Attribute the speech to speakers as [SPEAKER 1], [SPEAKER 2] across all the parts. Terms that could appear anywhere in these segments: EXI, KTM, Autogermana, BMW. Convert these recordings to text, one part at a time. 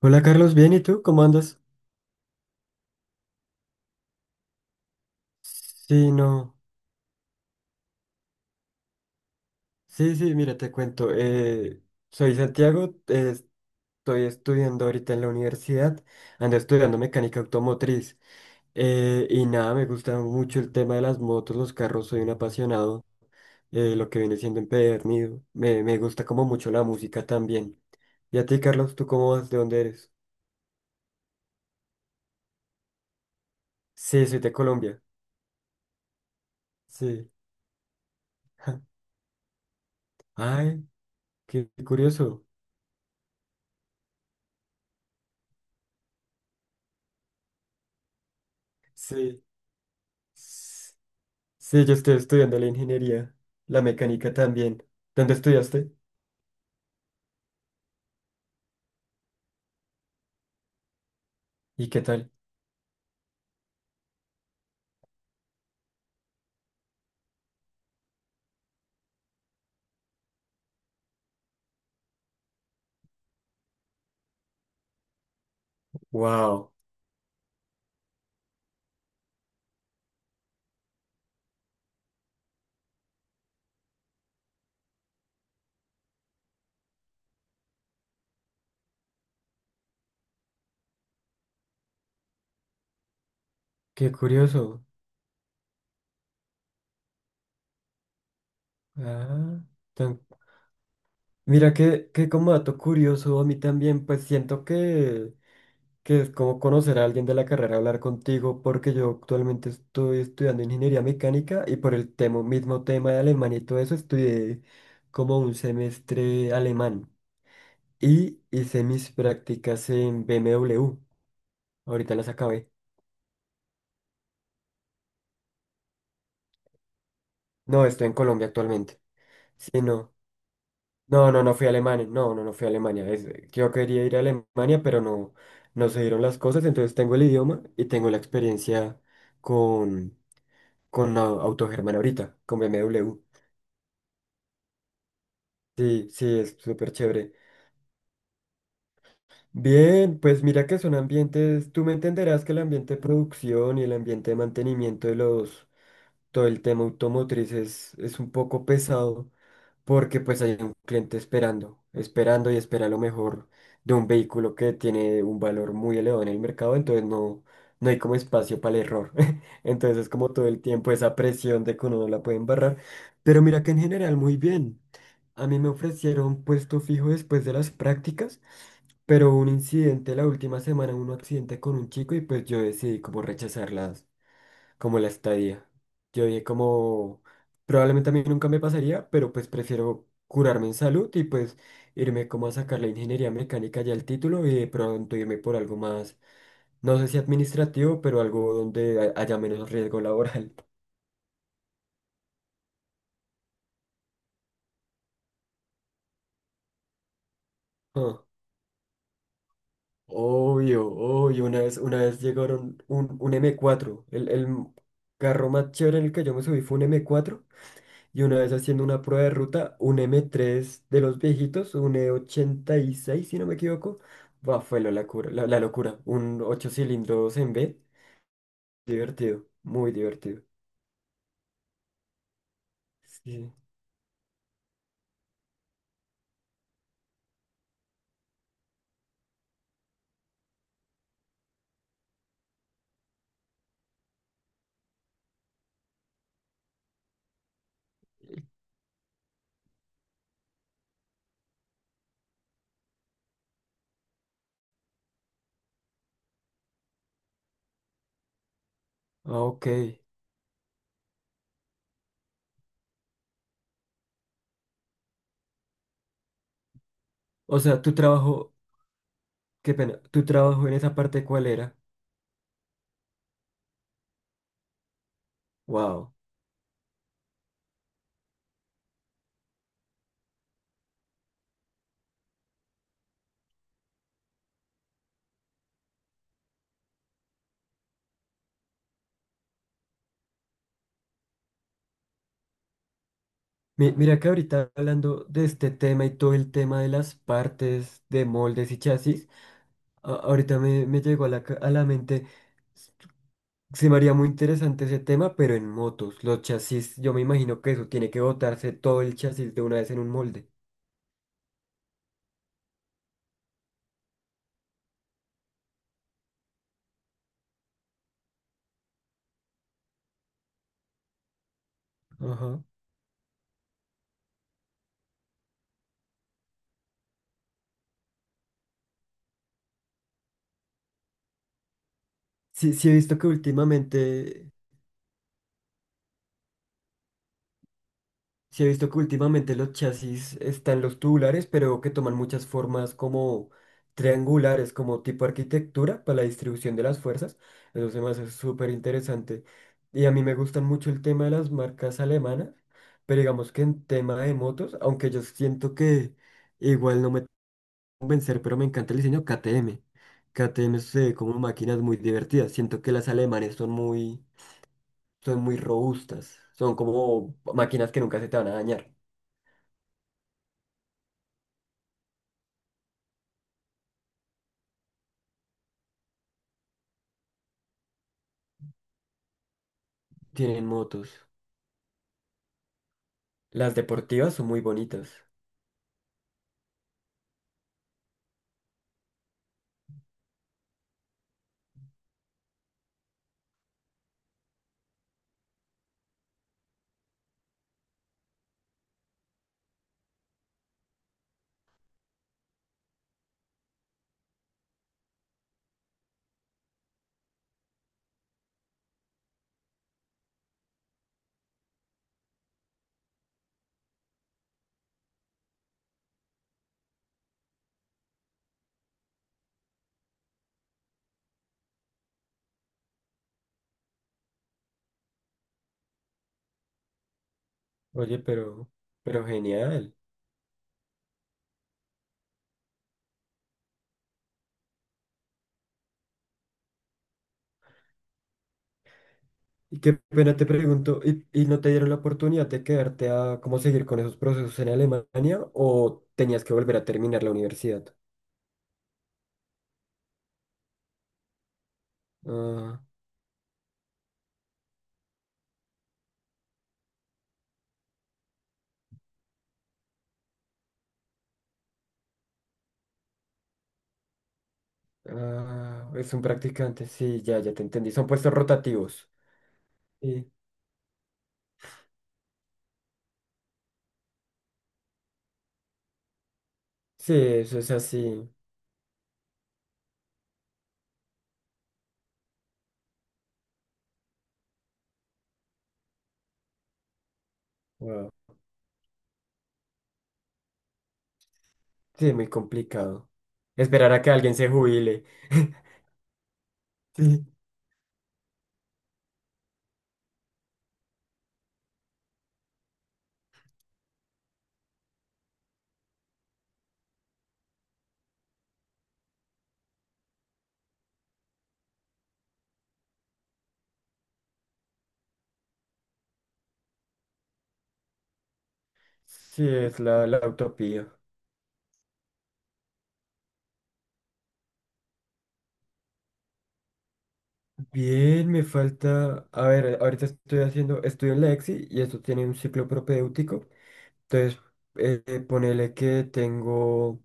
[SPEAKER 1] Hola Carlos, bien, ¿y tú? ¿Cómo andas? Sí, no. Sí, sí, mira, te cuento. Soy Santiago, estoy estudiando ahorita en la universidad, ando estudiando mecánica automotriz. Y nada, me gusta mucho el tema de las motos, los carros, soy un apasionado, lo que viene siendo empedernido. Me gusta como mucho la música también. ¿Y a ti, Carlos, tú cómo vas? ¿De dónde eres? Sí, soy de Colombia. Sí. Ay, qué curioso. Sí. Sí, yo estoy estudiando la ingeniería, la mecánica también. ¿Dónde estudiaste? ¿Y qué tal? Wow, qué curioso. Ah, tan- mira que, como dato curioso, a mí también, pues siento que, es como conocer a alguien de la carrera, hablar contigo, porque yo actualmente estoy estudiando ingeniería mecánica y por el tema, mismo tema de alemán y todo eso, estudié como un semestre alemán y hice mis prácticas en BMW. Ahorita las acabé. No, estoy en Colombia actualmente. Sí, no. No, no, no fui a Alemania. No, no, no fui a Alemania. Yo quería ir a Alemania, pero no, no se dieron las cosas. Entonces tengo el idioma y tengo la experiencia con, con la Autogermana ahorita, con BMW. Sí, sí, es súper chévere. Bien, pues mira que son ambientes, tú me entenderás que el ambiente de producción y el ambiente de mantenimiento de los, todo el tema automotriz es un poco pesado porque pues hay un cliente esperando, esperando y espera lo mejor de un vehículo que tiene un valor muy elevado en el mercado, entonces no, no hay como espacio para el error. Entonces es como todo el tiempo esa presión de que uno no la puede embarrar, pero mira que en general muy bien. A mí me ofrecieron puesto fijo después de las prácticas, pero hubo un incidente la última semana, un accidente con un chico y pues yo decidí como rechazarlas como la estadía. Yo dije como, probablemente a mí nunca me pasaría, pero pues prefiero curarme en salud y pues irme como a sacar la ingeniería mecánica ya el título y de pronto irme por algo más, no sé si administrativo, pero algo donde haya menos riesgo laboral. Ah, obvio, obvio, una vez llegaron un M4, el carro más chévere en el que yo me subí fue un M4. Y una vez haciendo una prueba de ruta, un M3 de los viejitos, un E86 si no me equivoco, bah, fue la locura, la locura. Un 8 cilindros en B, divertido, muy divertido. Sí. Ah, ok. O sea, tu trabajo, qué pena, tu trabajo en esa parte, ¿cuál era? Wow. Mira que ahorita hablando de este tema y todo el tema de las partes, de moldes y chasis, ahorita me llegó a la mente. Se me haría muy interesante ese tema, pero en motos. Los chasis, yo me imagino que eso tiene que botarse todo el chasis de una vez en un molde. Ajá. Sí, sí he visto que últimamente, sí he visto que últimamente los chasis están los tubulares, pero que toman muchas formas como triangulares, como tipo arquitectura para la distribución de las fuerzas. Eso se me hace súper interesante. Y a mí me gustan mucho el tema de las marcas alemanas, pero digamos que en tema de motos, aunque yo siento que igual no me convencer, pero me encanta el diseño K T M KTM. KTM se ve como máquinas muy divertidas. Siento que las alemanes son muy robustas. Son como máquinas que nunca se te van a dañar. Tienen motos. Las deportivas son muy bonitas. Oye, pero genial. Y qué pena te pregunto, ¿y no te dieron la oportunidad de quedarte a cómo seguir con esos procesos en Alemania o tenías que volver a terminar la universidad? Ah, ah, es un practicante, sí, ya, ya te entendí. Son puestos rotativos. Sí. Sí, eso es así. Wow. Sí, muy complicado. Esperar a que alguien se jubile. Sí, sí, es la utopía. Bien, me falta. A ver, ahorita estoy haciendo. Estudio en la EXI y esto tiene un ciclo propedéutico. Entonces, ponele que tengo.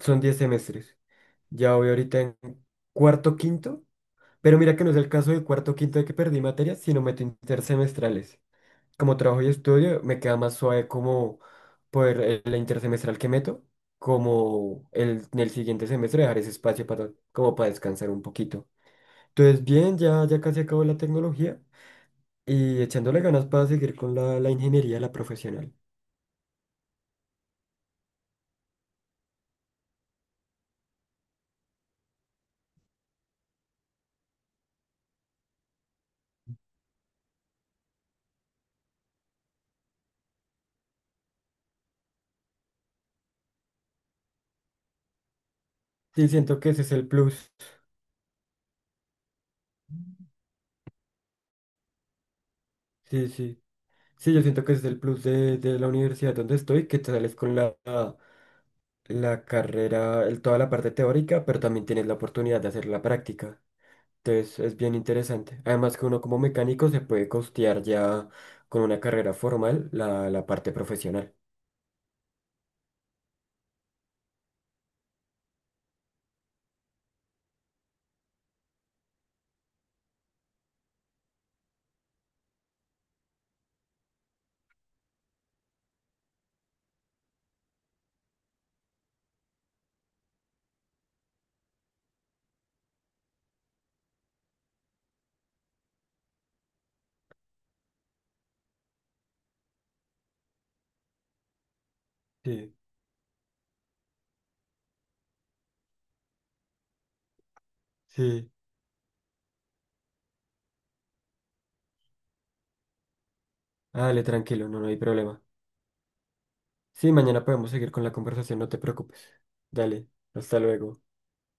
[SPEAKER 1] Son 10 semestres. Ya voy ahorita en cuarto, quinto. Pero mira que no es el caso de cuarto, quinto de que perdí materias, sino meto intersemestrales. Como trabajo y estudio, me queda más suave como poder la intersemestral que meto, como en el siguiente semestre dejar ese espacio para, como para descansar un poquito. Entonces, bien, ya, ya casi acabo la tecnología y echándole ganas para seguir con la ingeniería, la profesional. Sí, siento que ese es el plus. Sí, sí. Sí, yo siento que ese es el plus de la universidad donde estoy, que te sales con la carrera, toda la parte teórica, pero también tienes la oportunidad de hacer la práctica. Entonces es bien interesante. Además que uno como mecánico se puede costear ya con una carrera formal la parte profesional. Sí, sí. Dale, tranquilo, no, no hay problema. Sí, mañana podemos seguir con la conversación, no te preocupes. Dale, hasta luego.